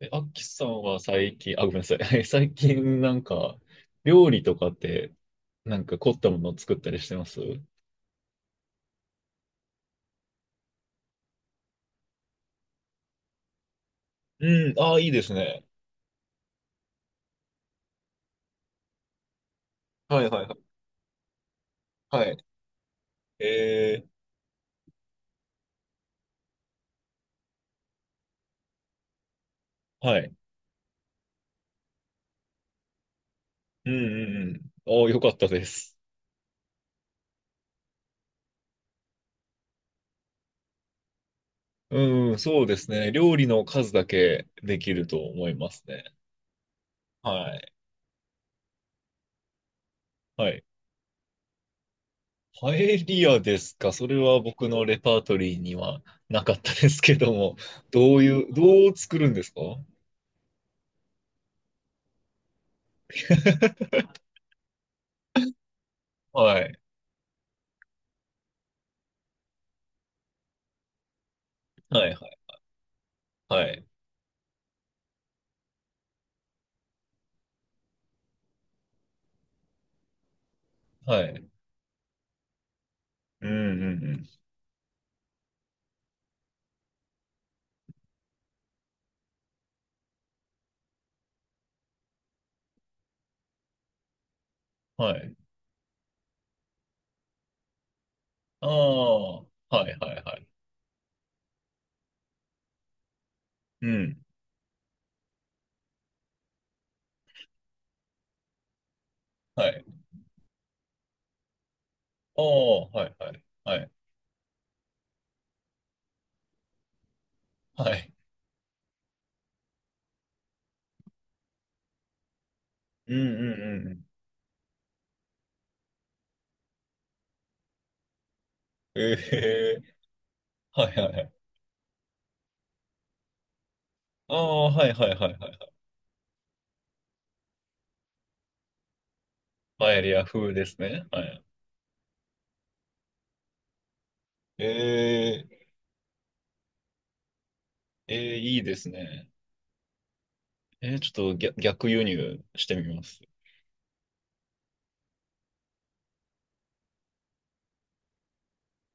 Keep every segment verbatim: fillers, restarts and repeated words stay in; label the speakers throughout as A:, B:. A: え、アッキーさんは最近、あ、ごめんなさい。最近なんか、料理とかって、なんか凝ったものを作ったりしてますう？ん、ああ、いいですね。はいはいはい。はい。えー、はい。うんうんうん。ああ、よかったです。うん、そうですね。料理の数だけできると思いますね。はい。はい。パエリアですか？それは僕のレパートリーにはなかったですけども、どういう、どう作るんですか？ はい。はいはいはい。はい。うんうんうん。はい。ああ、はいはいはい。うん。はい。ああ、はいはいはい。はい。うんうんうん。ええー、はいはいはい。ああ、はいはいはいはい。パエリア風ですね。はい。ええ、ええ、いいですね。えー、ちょっと逆、逆輸入してみます。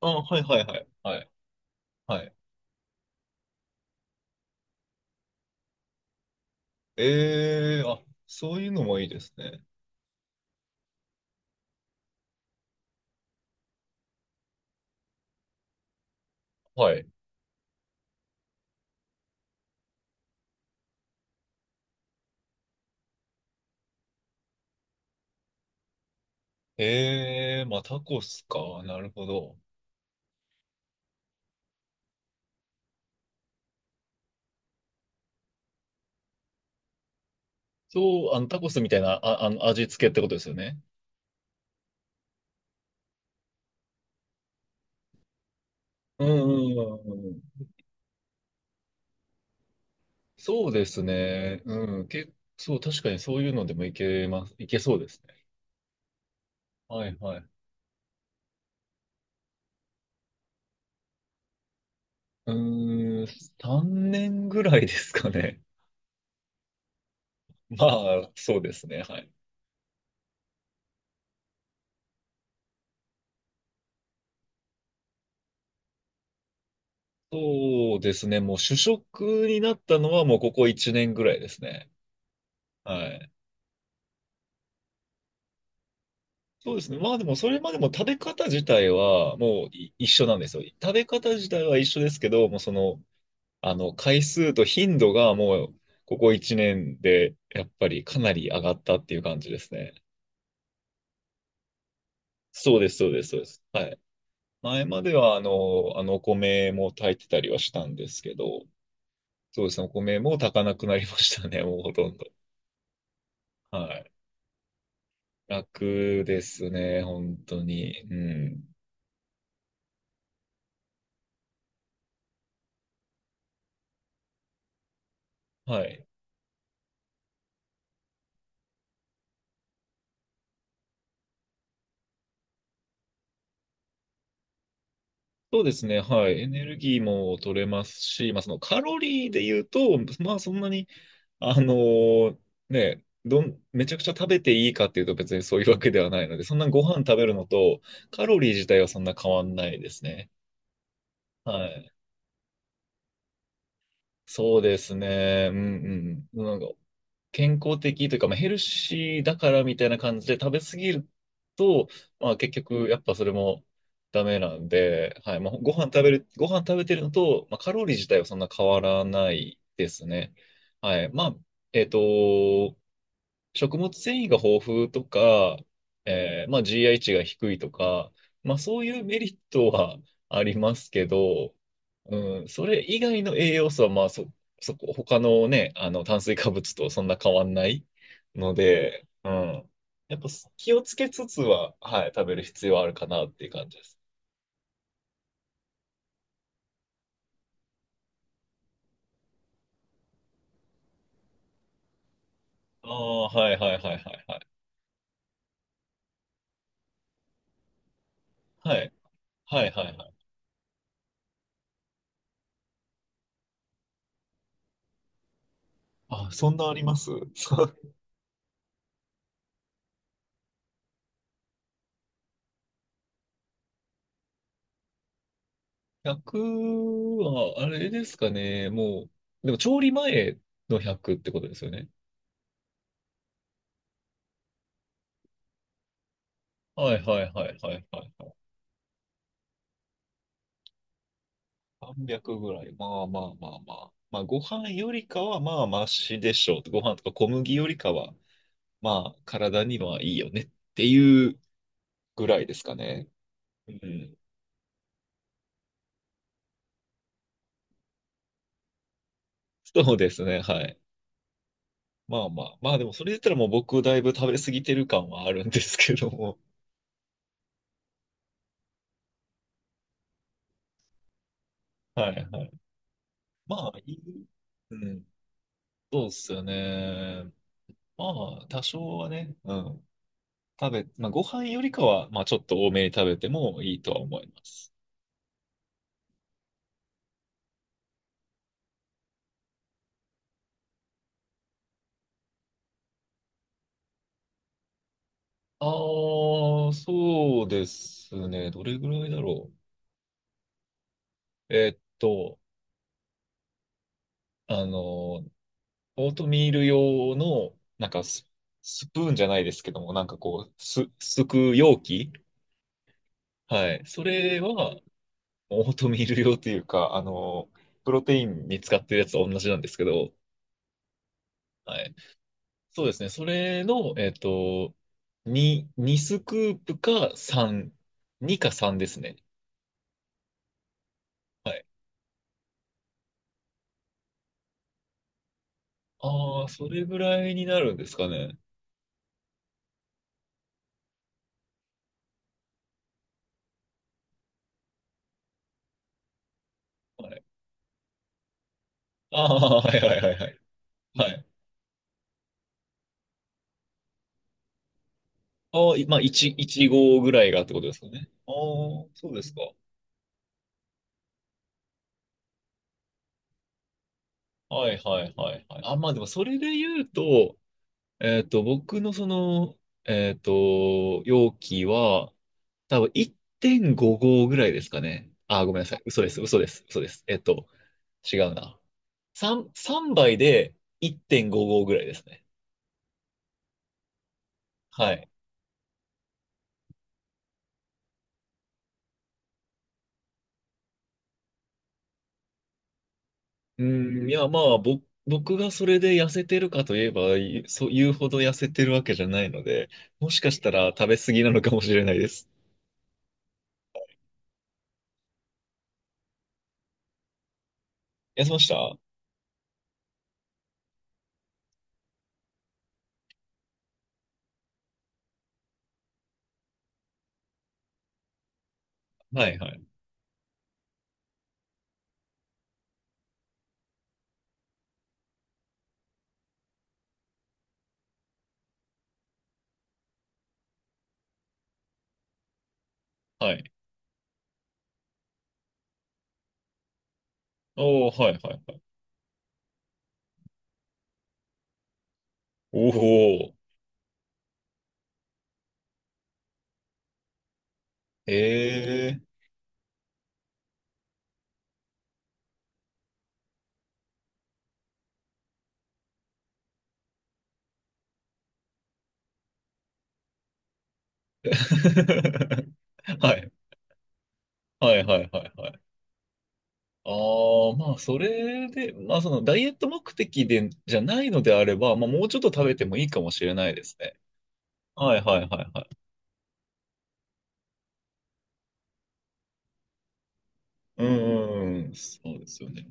A: ああ、はいはいはい。はい。はい。ええ、あ、そういうのもいいですね。はい。ええ、まあ、タコスか。なるほど。そう、あの、タコスみたいな、あ、あの、味付けってことですよね。うんうんうんうん。そうですね。うん。け、そう、確かにそういうのでもいけます。いけそうですね。はいはい。うーん、さんねんぐらいですかね。まあ、そうですね。はい。そうですね。もう主食になったのはもうここいちねんぐらいですね。はい。そうですね。まあでもそれまでも食べ方自体はもうい一緒なんですよ。食べ方自体は一緒ですけど、もうそのあの、回数と頻度がもう、ここいちねんで、やっぱりかなり上がったっていう感じですね。そうです、そうです、そうです。はい。前までは、あの、あの、お米も炊いてたりはしたんですけど、そうですね、お米も炊かなくなりましたね、もうほとんど。はい。楽ですね、本当に。うん。はい。そうですね、はい。エネルギーも取れますし、まあ、そのカロリーで言うと、まあ、そんなに、あのーね、どん、めちゃくちゃ食べていいかっていうと別にそういうわけではないので、そんなご飯食べるのとカロリー自体はそんな変わんないですね。はい。そうですね。うんうん。なんか健康的というか、まあ、ヘルシーだからみたいな感じで食べ過ぎると、まあ結局やっぱそれもダメなんで、はい。まあ、ご飯食べる、ご飯食べてるのと、まあ、カロリー自体はそんな変わらないですね。はい。まあ、えっと、食物繊維が豊富とか、えーまあ、ジーアイ 値が低いとか、まあ、そういうメリットはありますけど、うん、それ以外の栄養素は、まあ、そ、そこ、他のね、あの、炭水化物とそんな変わんないので、うん。やっぱ気をつけつつは、はい、食べる必要はあるかなっていう感じです。ああ、はいはいはいはいはい。はい、はいはいはい。あ、そんなあります？ ひゃくは、あれですかね、もう、でも調理前のひゃくってことですよね。はいはいはいはいはいはい。さんびゃくぐらい。まあまあまあまあ。まあご飯よりかはまあマシでしょう。ご飯とか小麦よりかは、まあ体にはいいよねっていうぐらいですかね。うん。そうですね、はい。まあまあ。まあでもそれ言ったらもう僕だいぶ食べ過ぎてる感はあるんですけども。はいはい。まあいい。うん。そうですよね。まあ、多少はね、うん。食べ、まあ、ご飯よりかは、まあ、ちょっと多めに食べてもいいとは思います。ああ、そうですね。どれぐらいだろう。えーっと、あの、オートミール用の、なんかス、スプーンじゃないですけども、なんかこう、す、すく容器。はい。それは、オートミール用というか、あの、プロテインに使ってるやつと同じなんですけど、はい。そうですね。それの、えっと、に、にスクープかさん、にかさんですね。はい。ああ、それぐらいになるんですかね。はい。ああ、はいはいはいはい。はい。ああ、いまあ、いち、いち号ぐらいがってことですかね。ああ、そうですか。はいはいはいはい。あ、まあでもそれで言うと、えっと、僕のその、えっと、容器は、多分いってんご号ぐらいですかね。ああ、ごめんなさい。嘘です、嘘です、嘘です。えっと、違うな。さん、さんばいでいってんごーごぐらいですね。はい。うん、いや、まあ、ぼ、僕がそれで痩せてるかといえば、いそういうほど痩せてるわけじゃないので、もしかしたら食べ過ぎなのかもしれないです。痩せました？はいはい。はい。おー、はいはいはい。おー、えー。はいはいはいはいはい。ああ、まあ、それで、まあ、そのダイエット目的でじゃないのであれば、まあ、もうちょっと食べてもいいかもしれないですね。はいはいはいはい。うんうんうん、そうですよね。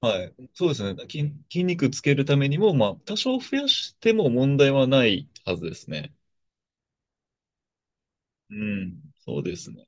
A: はい。そうですね。筋、筋肉つけるためにも、まあ、多少増やしても問題はないはずですね。うん、そうですね。